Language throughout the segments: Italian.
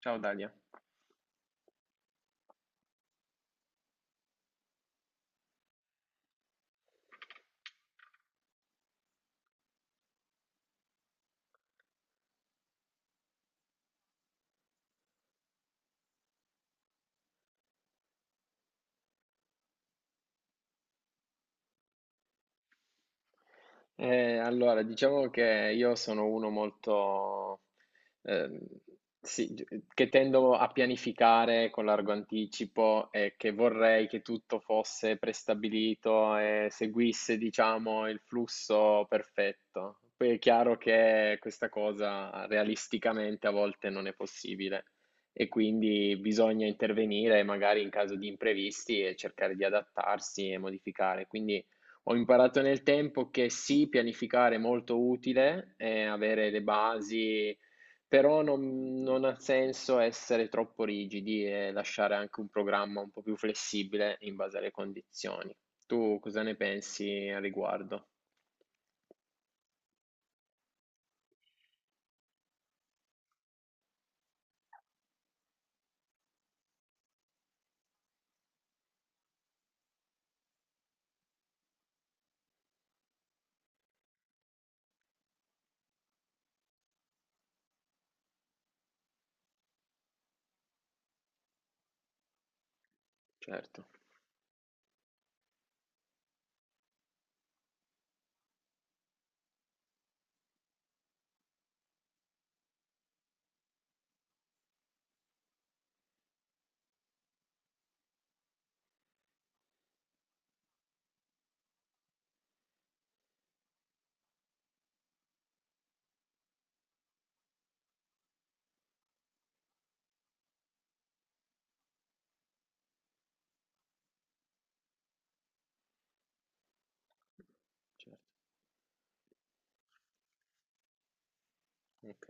Ciao Dalia. Allora, diciamo che io sono uno molto, ehm, sì, gi- che tendo a pianificare con largo anticipo e che vorrei che tutto fosse prestabilito e seguisse, diciamo, il flusso perfetto. Poi è chiaro che questa cosa realisticamente a volte non è possibile e quindi bisogna intervenire magari in caso di imprevisti e cercare di adattarsi e modificare. Quindi ho imparato nel tempo che sì, pianificare è molto utile, avere le basi, però non ha senso essere troppo rigidi e lasciare anche un programma un po' più flessibile in base alle condizioni. Tu cosa ne pensi al riguardo? Certo, certo, ok,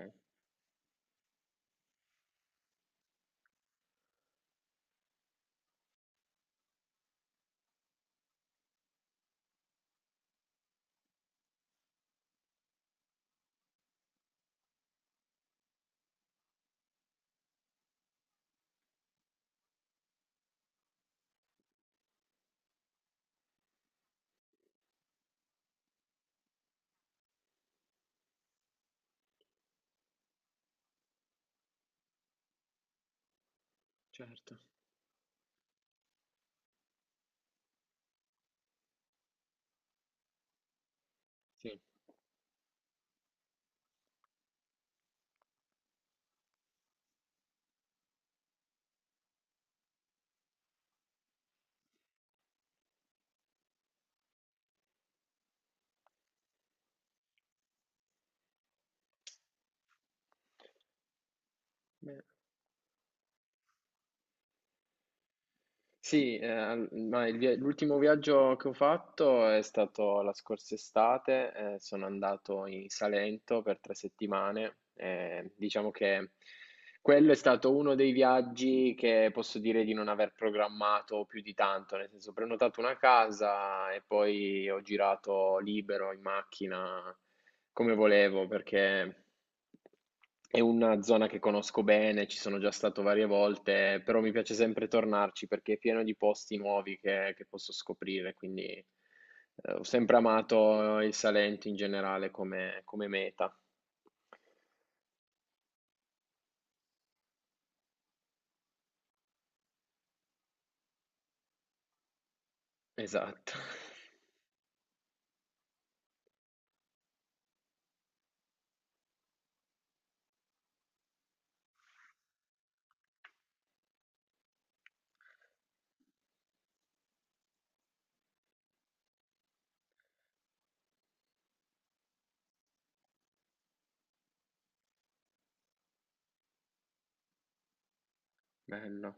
certo, sì. Beh, sì, l'ultimo viaggio che ho fatto è stato la scorsa estate, sono andato in Salento per tre settimane, diciamo che quello è stato uno dei viaggi che posso dire di non aver programmato più di tanto, nel senso ho prenotato una casa e poi ho girato libero in macchina come volevo perché... è una zona che conosco bene, ci sono già stato varie volte, però mi piace sempre tornarci perché è pieno di posti nuovi che posso scoprire, quindi ho sempre amato il Salento in generale come, come meta. Esatto, bello.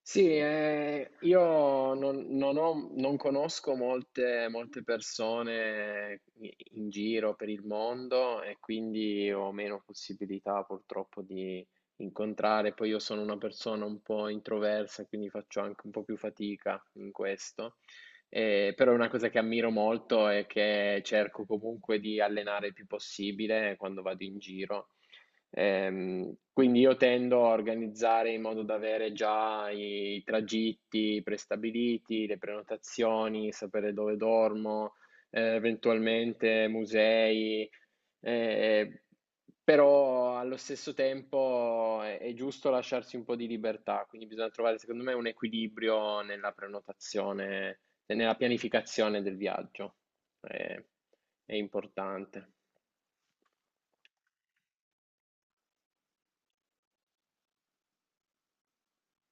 Sì, io non, non conosco molte persone in in giro per il mondo e quindi ho meno possibilità purtroppo di incontrare. Poi io sono una persona un po' introversa, quindi faccio anche un po' più fatica in questo. Però è una cosa che ammiro molto e che cerco comunque di allenare il più possibile quando vado in giro. Quindi io tendo a organizzare in modo da avere già i tragitti prestabiliti, le prenotazioni, sapere dove dormo, eventualmente musei, eh, però allo stesso tempo è giusto lasciarsi un po' di libertà, quindi bisogna trovare secondo me un equilibrio nella prenotazione e nella pianificazione del viaggio. Eh, è importante.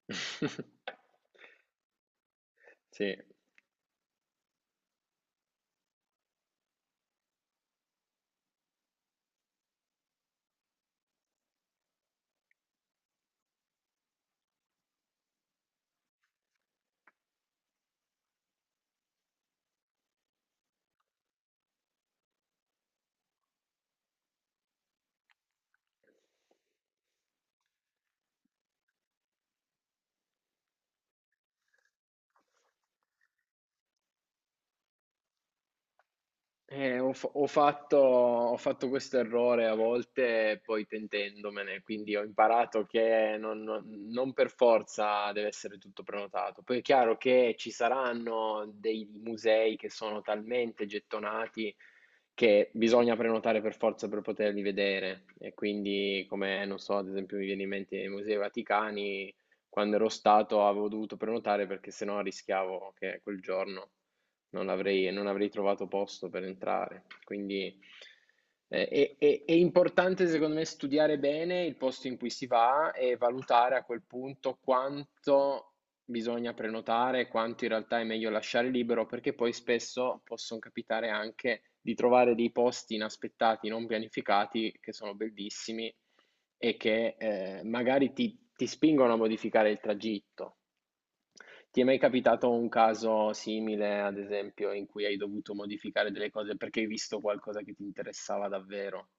Sì. Ho fatto questo errore a volte, poi pentendomene, quindi ho imparato che non per forza deve essere tutto prenotato. Poi è chiaro che ci saranno dei musei che sono talmente gettonati che bisogna prenotare per forza per poterli vedere. E quindi, come non so, ad esempio, mi viene in mente i Musei Vaticani, quando ero stato avevo dovuto prenotare perché sennò rischiavo che quel giorno non avrei trovato posto per entrare. Quindi è importante, secondo me, studiare bene il posto in cui si va e valutare a quel punto quanto bisogna prenotare, quanto in realtà è meglio lasciare libero, perché poi spesso possono capitare anche di trovare dei posti inaspettati, non pianificati, che sono bellissimi e che ti spingono a modificare il tragitto. Ti è mai capitato un caso simile, ad esempio, in cui hai dovuto modificare delle cose perché hai visto qualcosa che ti interessava davvero?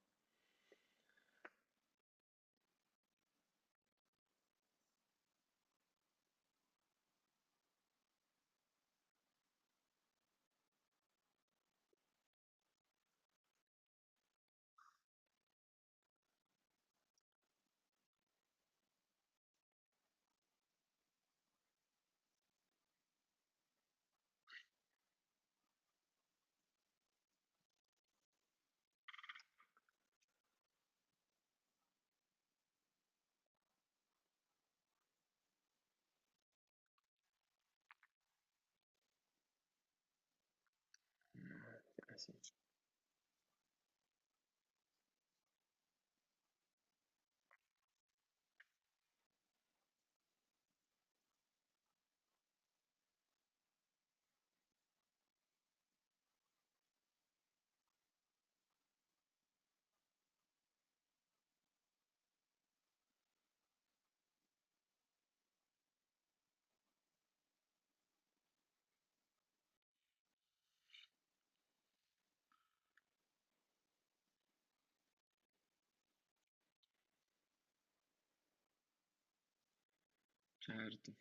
Mm, eh sì, certo.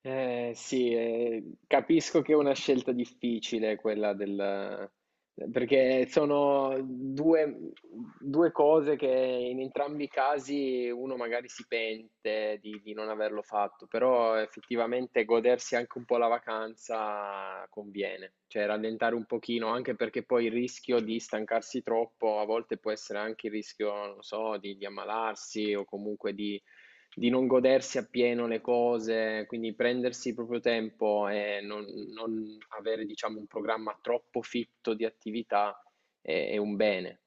Sì, capisco che è una scelta difficile quella del... perché sono due cose che in entrambi i casi uno magari si pente di non averlo fatto, però effettivamente godersi anche un po' la vacanza conviene, cioè rallentare un pochino, anche perché poi il rischio di stancarsi troppo a volte può essere anche il rischio, non so, di ammalarsi o comunque di non godersi appieno le cose, quindi prendersi il proprio tempo e non avere, diciamo, un programma troppo fitto di attività è un bene.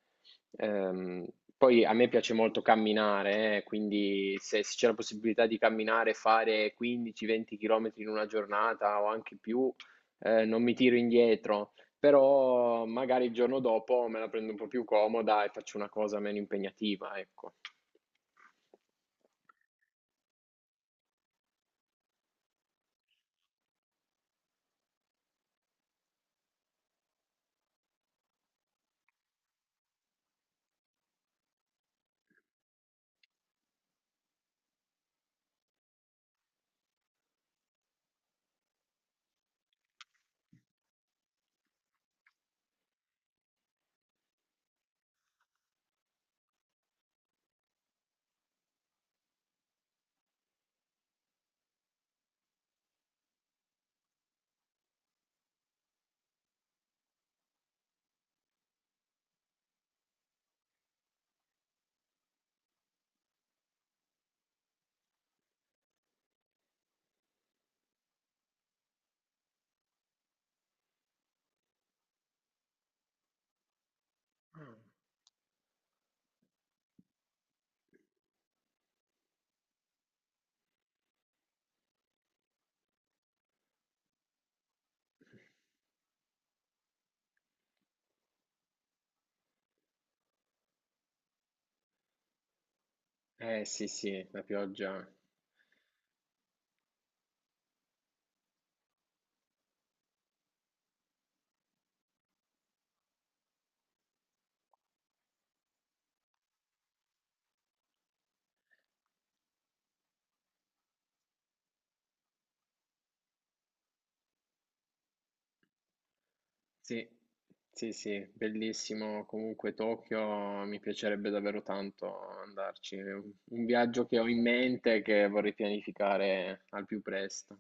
Ehm, Poi a me piace molto camminare, quindi se c'è la possibilità di camminare, fare 15-20 km in una giornata o anche più, non mi tiro indietro, però magari il giorno dopo me la prendo un po' più comoda e faccio una cosa meno impegnativa, ecco. Eh sì, sì, la pioggia. Sì, sì, sì, bellissimo. Comunque Tokyo mi piacerebbe davvero tanto andarci. Un viaggio che ho in mente e che vorrei pianificare al più presto.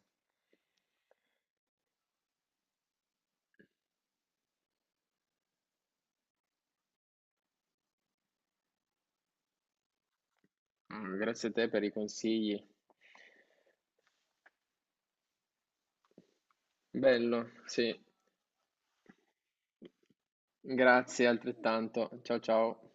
Mm, grazie a te per i consigli. Bello, sì. Grazie altrettanto. Ciao ciao.